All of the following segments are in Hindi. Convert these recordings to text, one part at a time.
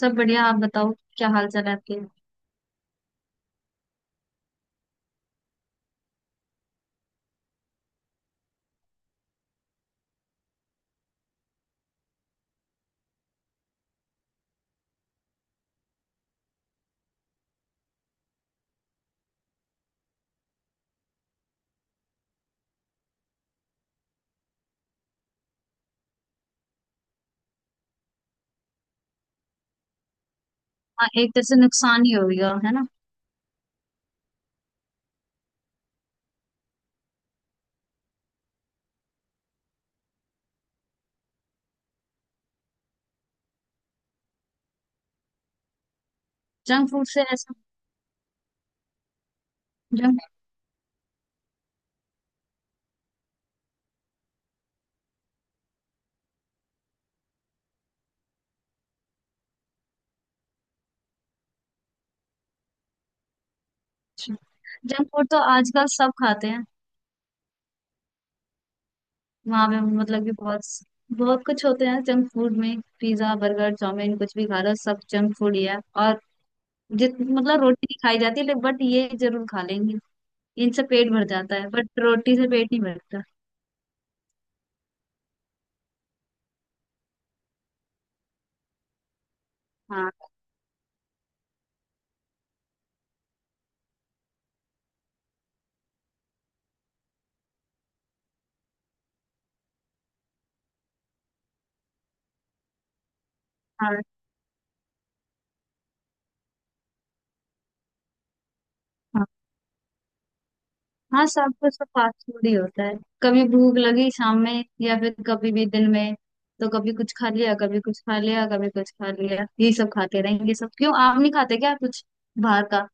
सब बढ़िया। आप बताओ, क्या हाल चाल है आपके? हाँ, एक तरह से नुकसान ही हो गया है ना। जंक फूड से ऐसा? जंक जंक फूड तो आजकल सब खाते हैं। वहां पे मतलब कि बहुत बहुत कुछ होते हैं जंक फूड में। पिज्जा, बर्गर, चाउमीन, कुछ भी खा लो, सब जंक फूड ही है। और जित मतलब रोटी नहीं खाई जाती है बट ये जरूर खा लेंगे। इनसे पेट भर जाता है बट रोटी से पेट नहीं भरता। हाँ। हाँ। हाँ। हाँ, सब कुछ तो फास्ट फूड ही होता है। कभी भूख लगी शाम में या फिर कभी भी दिन में तो कभी कुछ खा लिया, कभी कुछ खा लिया, कभी कुछ खा लिया, ये सब खाते रहेंगे। सब क्यों, आप नहीं खाते क्या कुछ बाहर का?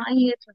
हाँ, ये तो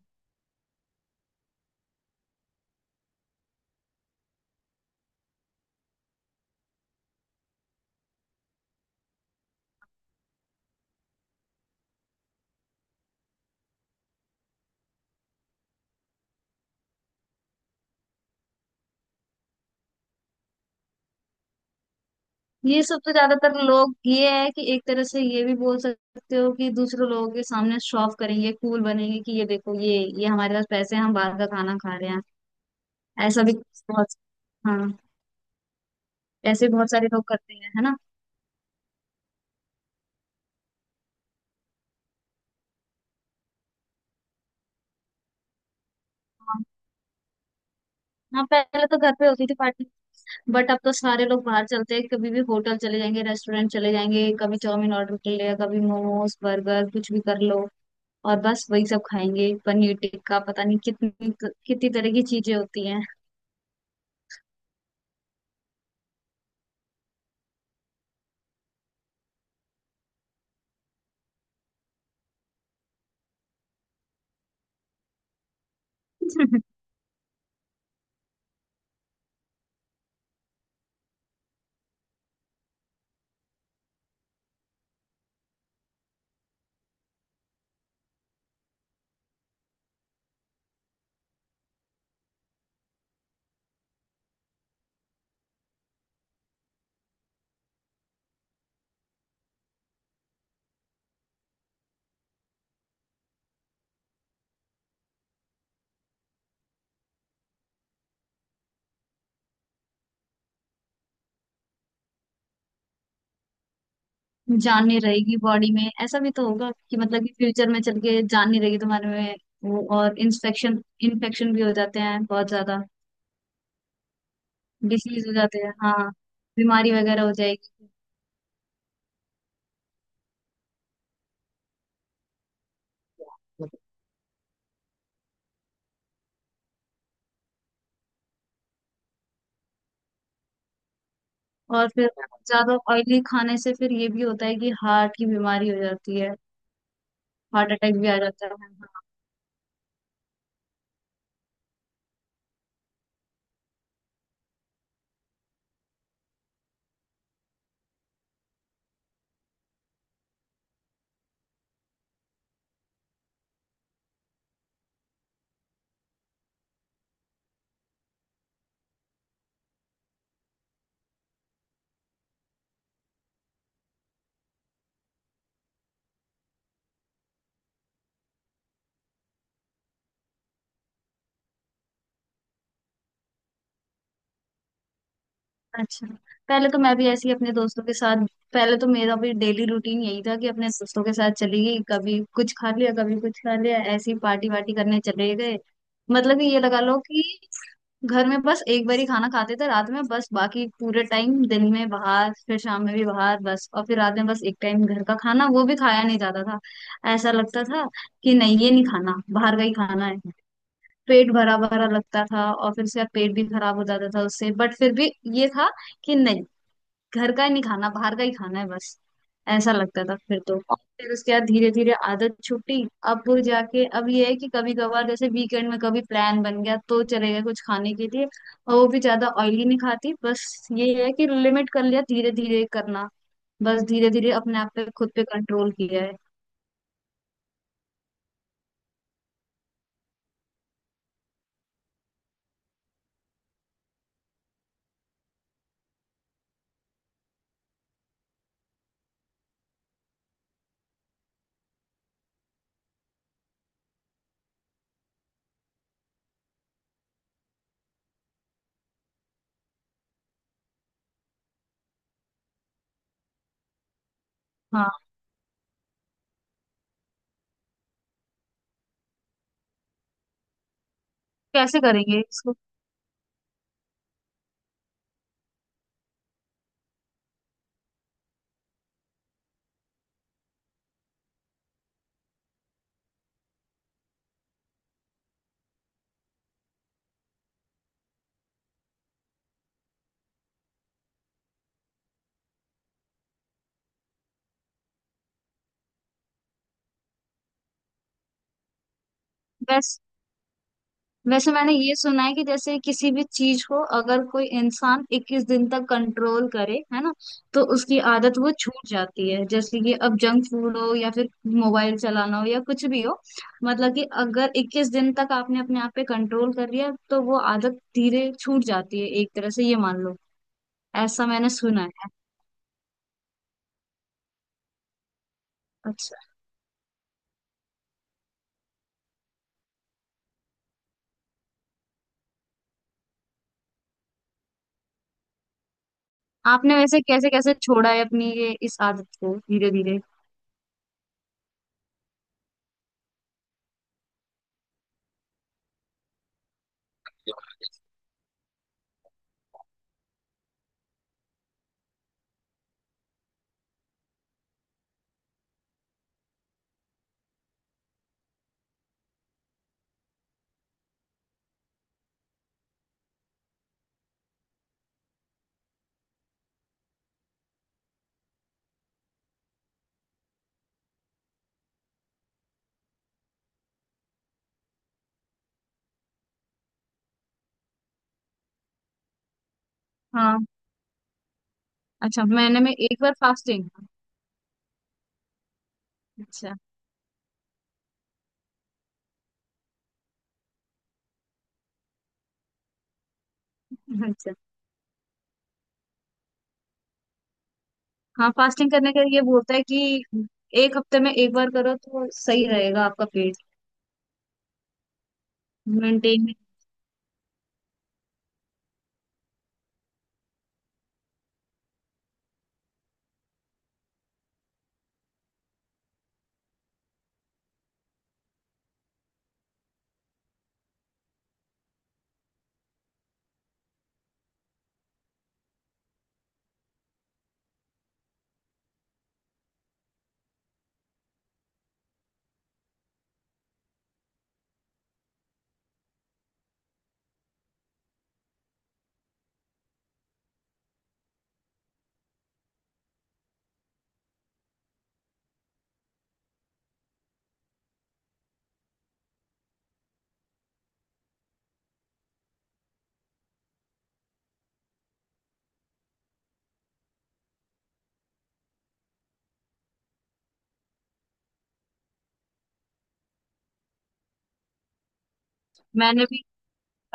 ये सब तो ज्यादातर लोग ये है कि एक तरह से ये भी बोल सकते हो कि दूसरे लोगों के सामने शो ऑफ करेंगे, कूल बनेंगे कि ये देखो, ये हमारे पास पैसे हैं, हम बाहर का खाना खा रहे हैं। ऐसा भी बहुत। हाँ, ऐसे बहुत सारे लोग करते हैं, है ना। हाँ, हाँ, पहले तो घर पे होती थी पार्टी। बट अब तो सारे लोग बाहर चलते हैं। कभी भी होटल चले जाएंगे, रेस्टोरेंट चले जाएंगे, कभी चाउमीन ऑर्डर कर लिया, कभी मोमोज, बर्गर, कुछ भी कर लो। और बस वही सब खाएंगे, पनीर टिक्का, पता नहीं कितनी कितनी तरह की चीजें होती हैं। जान नहीं रहेगी बॉडी में। ऐसा भी तो होगा कि मतलब कि फ्यूचर में चल के जान नहीं रहेगी तुम्हारे में। वो और इंफेक्शन इन्फेक्शन भी हो जाते हैं बहुत ज्यादा। डिसीज हो जाते हैं, हाँ। बीमारी वगैरह हो जाएगी। और फिर ज्यादा ऑयली खाने से फिर ये भी होता है कि हार्ट की बीमारी हो जाती है। हार्ट अटैक भी आ जाता है। अच्छा, पहले तो मैं भी ऐसी अपने दोस्तों के साथ, पहले तो मेरा भी डेली रूटीन यही था कि अपने दोस्तों के साथ चली गई, कभी कुछ खा लिया, कभी कुछ खा लिया, ऐसी पार्टी वार्टी करने चले गए। मतलब कि ये लगा लो कि घर में बस एक बार ही खाना खाते थे रात में बस, बाकी पूरे टाइम दिन में बाहर, फिर शाम में भी बाहर बस, और फिर रात में बस एक टाइम घर का खाना, वो भी खाया नहीं जाता था। ऐसा लगता था कि नहीं ये नहीं खाना, बाहर का ही खाना है। पेट भरा भरा लगता था और फिर उसके बाद पेट भी खराब हो जाता था उससे, बट फिर भी ये था कि नहीं, घर का ही नहीं खाना, बाहर का ही खाना है बस। ऐसा लगता था। फिर तो फिर उसके बाद धीरे धीरे आदत छूटी। अब वो जाके अब ये है कि कभी कभार जैसे वीकेंड में कभी प्लान बन गया तो चले गए कुछ खाने के लिए, और वो भी ज्यादा ऑयली नहीं खाती। बस ये है कि लिमिट कर लिया, धीरे धीरे करना। बस धीरे धीरे अपने आप पे, खुद पे कंट्रोल किया है। हाँ, कैसे करेंगे इसको? वैसे मैंने ये सुना है कि जैसे किसी भी चीज को अगर कोई इंसान 21 दिन तक कंट्रोल करे है ना, तो उसकी आदत वो छूट जाती है। जैसे कि अब जंक फूड हो या फिर मोबाइल चलाना हो या कुछ भी हो, मतलब कि अगर 21 दिन तक आपने अपने आप पे कंट्रोल कर लिया तो वो आदत धीरे छूट जाती है, एक तरह से ये मान लो। ऐसा मैंने सुना है। अच्छा, आपने वैसे कैसे कैसे छोड़ा है अपनी ये इस आदत को धीरे धीरे? हाँ। अच्छा, महीने में एक बार फास्टिंग। अच्छा। अच्छा। हाँ, फास्टिंग करने का ये वो होता है कि एक हफ्ते में एक बार करो तो सही रहेगा आपका पेट। मेंटेन। मैंने भी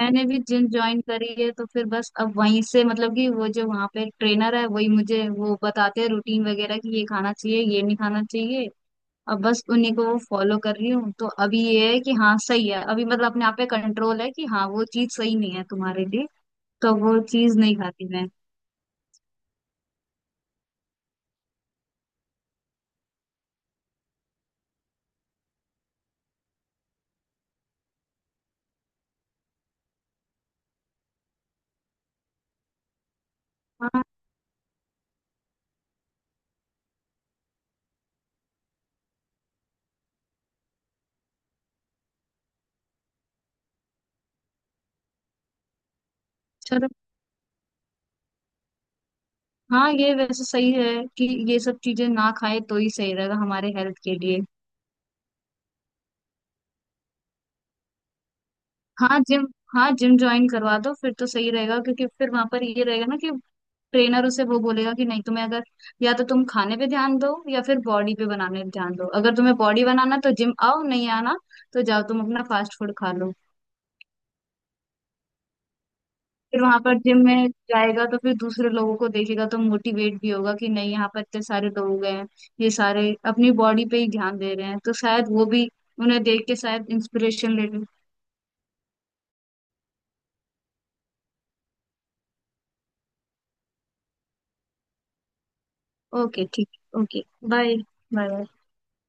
मैंने भी जिम ज्वाइन करी है, तो फिर बस अब वहीं से मतलब कि वो जो वहाँ पे ट्रेनर है वही मुझे वो बताते हैं रूटीन वगैरह कि ये खाना चाहिए, ये नहीं खाना चाहिए। अब बस उन्हीं को वो फॉलो कर रही हूँ, तो अभी ये है कि हाँ सही है। अभी मतलब अपने आप पे कंट्रोल है कि हाँ वो चीज सही नहीं है तुम्हारे लिए, तो वो चीज नहीं खाती मैं। हाँ, चलो। हाँ, ये वैसे सही है कि ये सब चीजें ना खाए तो ही सही रहेगा हमारे हेल्थ के लिए। हाँ, जिम। हाँ, जिम ज्वाइन करवा दो फिर, तो सही रहेगा, क्योंकि फिर वहां पर ये रहेगा ना कि ट्रेनर उसे वो बोलेगा कि नहीं तुम्हें अगर, या तो तुम खाने पे ध्यान दो या फिर बॉडी पे बनाने पे ध्यान दो। अगर तुम्हें बॉडी बनाना तो जिम आओ, नहीं आना तो जाओ तुम अपना फास्ट फूड खा लो। फिर वहां पर जिम में जाएगा तो फिर दूसरे लोगों को देखेगा तो मोटिवेट भी होगा कि नहीं, यहाँ पर इतने सारे लोग हैं, ये सारे अपनी बॉडी पे ही ध्यान दे रहे हैं, तो शायद वो भी उन्हें देख के शायद इंस्पिरेशन ले लें। ओके, ठीक, ओके। बाय। बाय।